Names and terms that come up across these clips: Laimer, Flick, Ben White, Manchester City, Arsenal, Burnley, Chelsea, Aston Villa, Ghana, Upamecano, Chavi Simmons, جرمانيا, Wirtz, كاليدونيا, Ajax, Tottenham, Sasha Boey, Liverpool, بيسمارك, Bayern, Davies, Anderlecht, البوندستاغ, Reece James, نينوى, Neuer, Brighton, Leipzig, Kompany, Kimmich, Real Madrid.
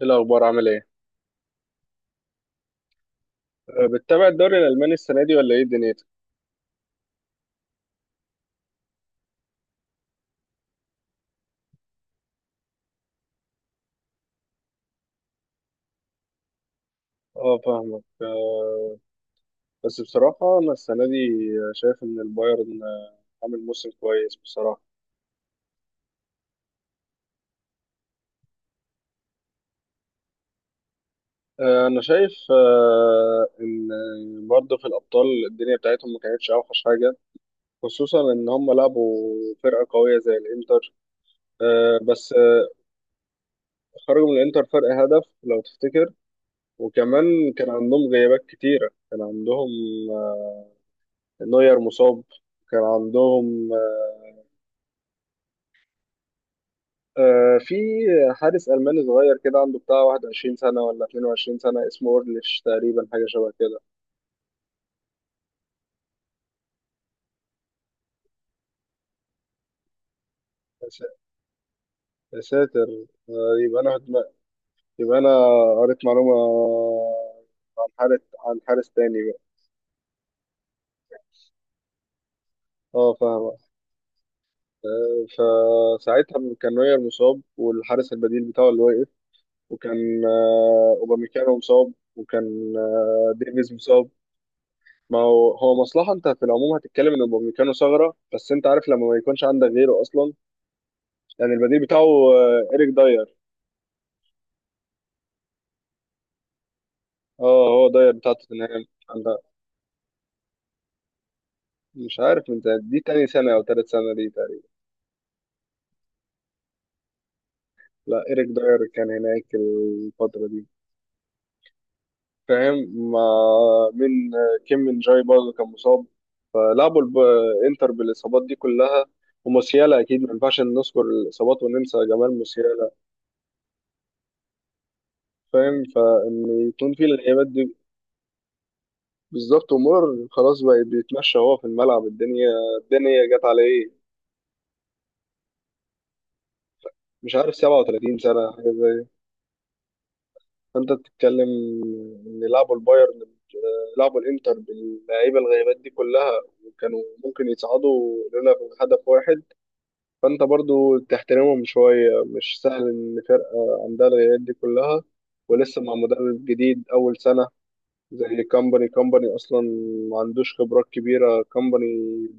ايه الاخبار؟ عامل ايه؟ بتتابع الدوري الالماني السنه دي ولا ايه دنيتك؟ اه، فاهمك. بس بصراحه انا السنه دي شايف ان البايرن عامل موسم كويس بصراحه. انا شايف ان برضه في الابطال الدنيا بتاعتهم ما كانتش اوحش حاجه، خصوصا ان هم لعبوا فرقه قويه زي الانتر. أه، بس أه، خرجوا من الانتر فرق هدف لو تفتكر، وكمان كان عندهم غيابات كتيره. كان عندهم أه، نوير مصاب، كان عندهم في حارس ألماني صغير كده عنده بتاع 21 سنة ولا 22 سنة اسمه أورليش تقريبا، حاجة شبه كده. يا س- يا ساتر. آه، يبقى أنا يبقى أنا قريت معلومة عن حارس تاني بقى. اه، فاهمة. آه، فساعتها كان نوير مصاب والحارس البديل بتاعه اللي وقف، وكان أوباميكانو مصاب، وكان ديفيز مصاب. ما هو هو مصلحة، انت في العموم هتتكلم ان اوباميكانو ثغرة، بس انت عارف لما ما يكونش عندك غيره اصلا، يعني البديل بتاعه إريك داير. اه، هو داير بتاع توتنهام. لا، مش عارف، انت دي تاني سنة أو تالت سنة دي تقريبا. لا، إريك داير كان هناك الفترة دي. فاهم. مع من، كيم من جاي برضه كان مصاب، فلعبوا الب- انتر بالإصابات دي كلها. وموسيالا، أكيد ما ينفعش نذكر الإصابات وننسى جمال موسيالا. فاهم. فإن يكون في الغيابات دي. بالظبط، ومر خلاص بقى، بيتمشى هو في الملعب. الدنيا الدنيا جت عليه. مش عارف، 37 سنة. فانت بتتكلم ان لعبوا البايرن، لعبوا الانتر باللعيبه الغيبات دي كلها، وكانوا ممكن يصعدوا لولا هدف واحد. فانت برضو تحترمهم شويه، مش سهل ان فرقه عندها الغيبات دي كلها، ولسه مع مدرب جديد اول سنه زي كامباني. كامباني اصلا ما عندوش خبرات كبيره كامباني.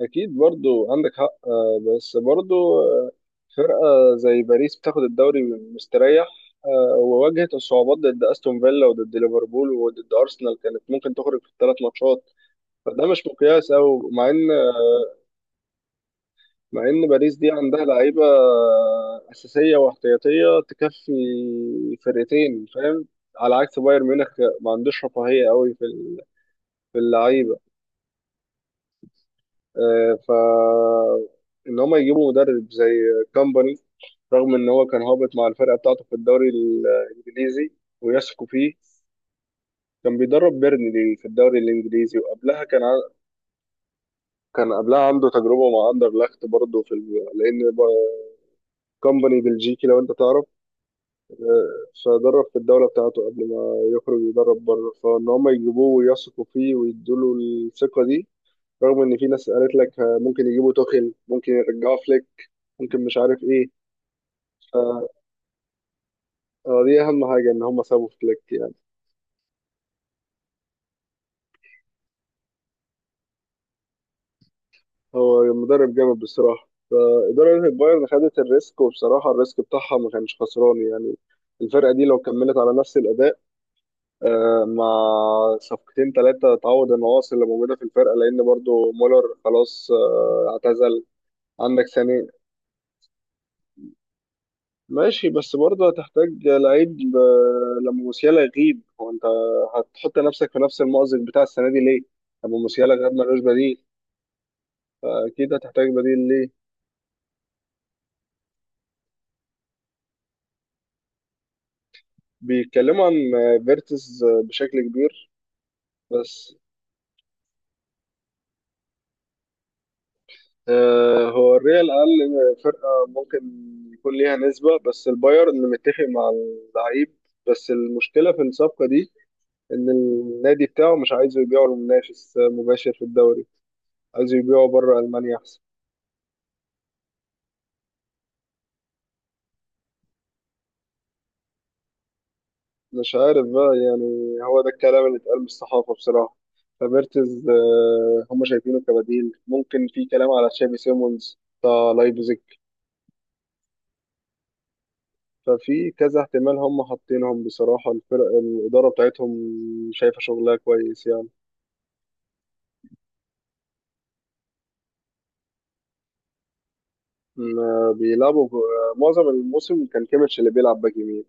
اكيد برضو عندك حق، آه، بس برضو آه، فرقه زي باريس بتاخد الدوري مستريح، وواجهت الصعوبات ضد استون فيلا وضد ليفربول وضد ارسنال، كانت ممكن تخرج في الثلاث ماتشات، فده مش مقياس. او مع ان، مع ان باريس دي عندها لعيبه اساسيه واحتياطيه تكفي فرقتين، فاهم، على عكس بايرن ميونخ. ما عندوش رفاهيه قوي في ال- في اللعيبه. آه، ف ان هم يجيبوا مدرب زي كامباني رغم ان هو كان هابط مع الفرقه بتاعته في الدوري الانجليزي ويثقوا فيه. كان بيدرب بيرنلي في الدوري الانجليزي، كان قبلها عنده تجربه مع اندرلخت برضه في كومباني بلجيكي لو انت تعرف، فدرب في الدوله بتاعته قبل ما يخرج يدرب بره، فان هم يجيبوه ويثقوا فيه ويدوا له الثقه دي رغم ان في ناس قالت لك ممكن يجيبوا توخيل، ممكن يرجعوا فليك، ممكن مش عارف ايه. آه، دي اهم حاجه ان هم سابوا فليك يعني. هو مدرب جامد بصراحة، فإدارة البايرن خدت الريسك، وبصراحة الريسك بتاعها ما كانش خسران يعني. الفرقة دي لو كملت على نفس الأداء مع صفقتين ثلاثة تعوض النواقص اللي موجودة في الفرقة، لأن برضو مولر خلاص اعتزل. عندك سنة ماشي، بس برضو هتحتاج لعيب لما موسيالا يغيب. هو أنت هتحط نفسك في نفس المأزق بتاع السنة دي ليه؟ لما موسيالا غاب ملوش بديل، فأكيد هتحتاج بديل ليه. بيتكلموا عن فيرتز بشكل كبير. بس آه، هو الريال قال فرقة ممكن يكون ليها نسبة، بس البايرن متفق مع اللعيب. بس المشكلة في الصفقة دي إن النادي بتاعه مش عايزه يبيعه لمنافس مباشر في الدوري، عايزه يبيعه بره ألمانيا أحسن. مش عارف بقى، يعني هو ده الكلام اللي اتقال من الصحافة بصراحة. فميرتز آه هم شايفينه كبديل ممكن، في كلام على تشافي سيمونز بتاع لايبزيج. ففي كذا احتمال هم حاطينهم بصراحة، الفرق الإدارة بتاعتهم شايفة شغلها كويس يعني. ما بيلعبوا ب- معظم الموسم كان كيميتش اللي بيلعب باك يمين.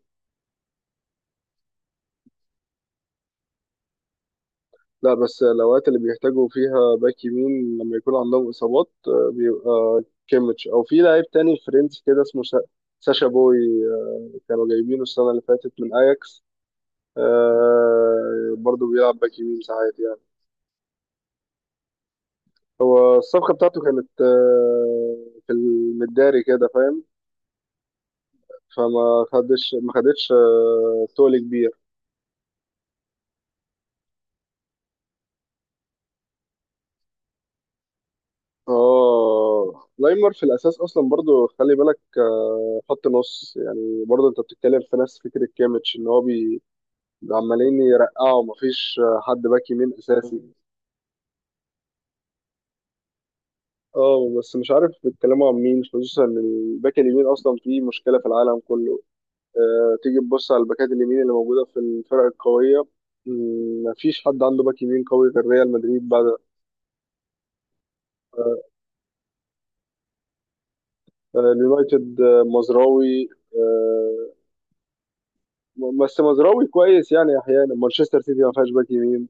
لا، بس الأوقات اللي بيحتاجوا فيها باك يمين لما يكون عندهم إصابات بيبقى كيميتش، أو في لاعب تاني فرنسي كده اسمه ساشا بوي. آه، كانوا جايبينه السنة اللي فاتت من أياكس، برضه بيلعب باك يمين ساعات يعني. الصفقة بتاعته كانت في المداري كده فاهم، فما خدش ما خدتش تول كبير. اه، لايمر في الاساس اصلا برضو خلي بالك خط نص، يعني برضو انت بتتكلم في نفس فكره كيميتش، ان هو بي عمالين يرقعوا، مفيش حد باك يمين اساسي. اه، بس مش عارف بيتكلموا عن مين، خصوصا ان الباك اليمين اصلا فيه مشكله في العالم كله. تيجي تبص على الباكات اليمين اللي موجوده في الفرق القويه، مفيش حد عنده باك يمين قوي غير ريال مدريد بعد. آه، اليونايتد مزراوي. آه، بس مزراوي كويس يعني احيانا. مانشستر سيتي ما فيهاش باك يمين.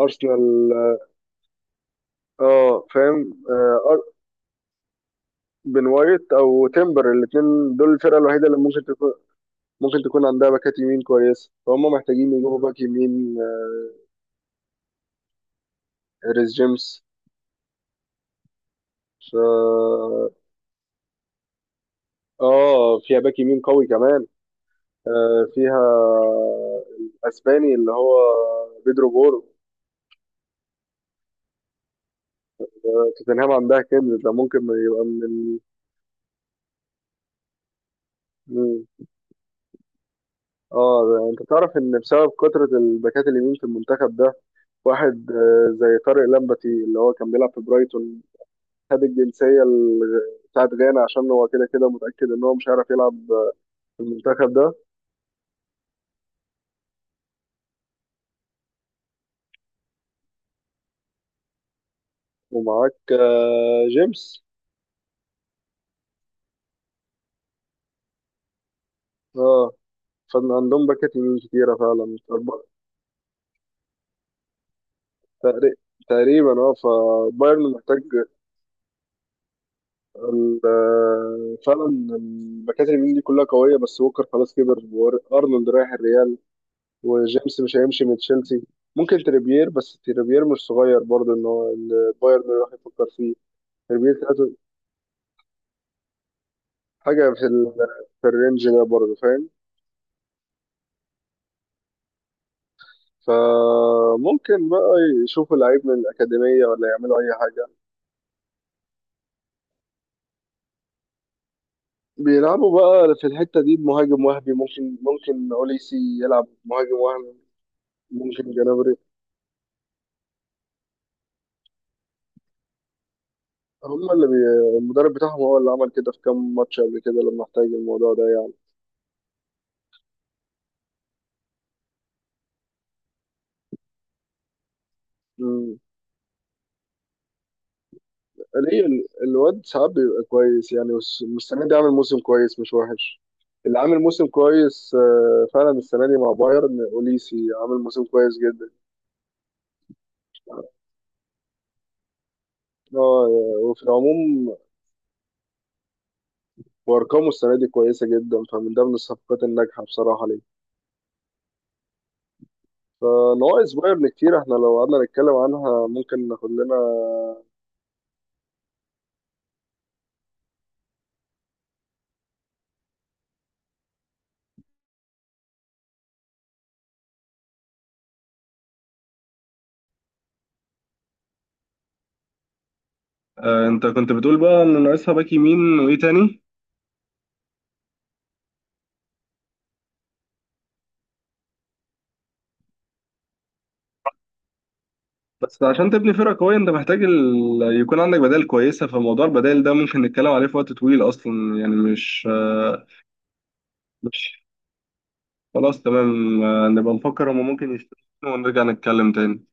ارسنال. اه، فاهم. آه، أر- بن وايت او تيمبر، الاثنين دول الفرقه الوحيده اللي ممكن تكون، ممكن تكون عندها باكات يمين كويسه، فهم محتاجين يجيبوا باك يمين ريس جيمس. ف... اه، فيها باك يمين قوي كمان. فيها الاسباني اللي هو بيدرو بورو. توتنهام عندها كنز ده، ممكن يبقى من. انت تعرف ان بسبب كثرة الباكات اليمين في المنتخب ده واحد زي طارق لمبتي اللي هو كان بيلعب في برايتون، خد الجنسية ال- بتاعت غانا عشان هو كده كده متأكد ان هو مش هيعرف يلعب في المنتخب ده، ومعاك جيمس. اه، فان عندهم باكات يمين كتيرة فعلا تقريبا. تقريبا اه، فبايرن محتاج فعلا الباكات اليمين دي كلها قوية، بس ووكر خلاص كبر، وأرنولد رايح الريال، وجيمس مش هيمشي من تشيلسي. ممكن تريبير، بس تريبير مش صغير برضه، ان هو إن بايرن راح يفكر فيه. تريبير تلاتة، حاجة في ال... في الرينج ده برضه فاهم. فممكن بقى يشوفوا لعيب من الأكاديمية، ولا يعملوا أي حاجة، بيلعبوا بقى في الحتة دي بمهاجم وهمي. ممكن، ممكن أوليسي يلعب مهاجم وهمي، ممكن جنابري. هم اللي بي... المدرب بتاعهم هو اللي عمل كده في كام ماتش قبل كده لما احتاج الموضوع ده يعني. ليه الواد ساعات بيبقى كويس، يعني والسنة دي عامل موسم كويس مش وحش. اللي عامل موسم كويس فعلا السنة دي مع بايرن أوليسي، عامل موسم كويس جدا. اه، وفي العموم وأرقامه السنة دي كويسة جدا، فمن ده من الصفقات الناجحة بصراحة ليه. فنواقص بايرن كتير، احنا لو قعدنا نتكلم عنها ممكن ناخد لنا. انت كنت بتقول بقى ان ناقصها باك يمين وايه تاني. بس عشان تبني فرقة قوية انت محتاج ال... يكون عندك بدائل كويسة، فموضوع البدائل ده ممكن نتكلم عليه في وقت طويل اصلا، يعني مش مش خلاص تمام. نبقى نفكر هما ممكن يشتروا، ونرجع نتكلم تاني.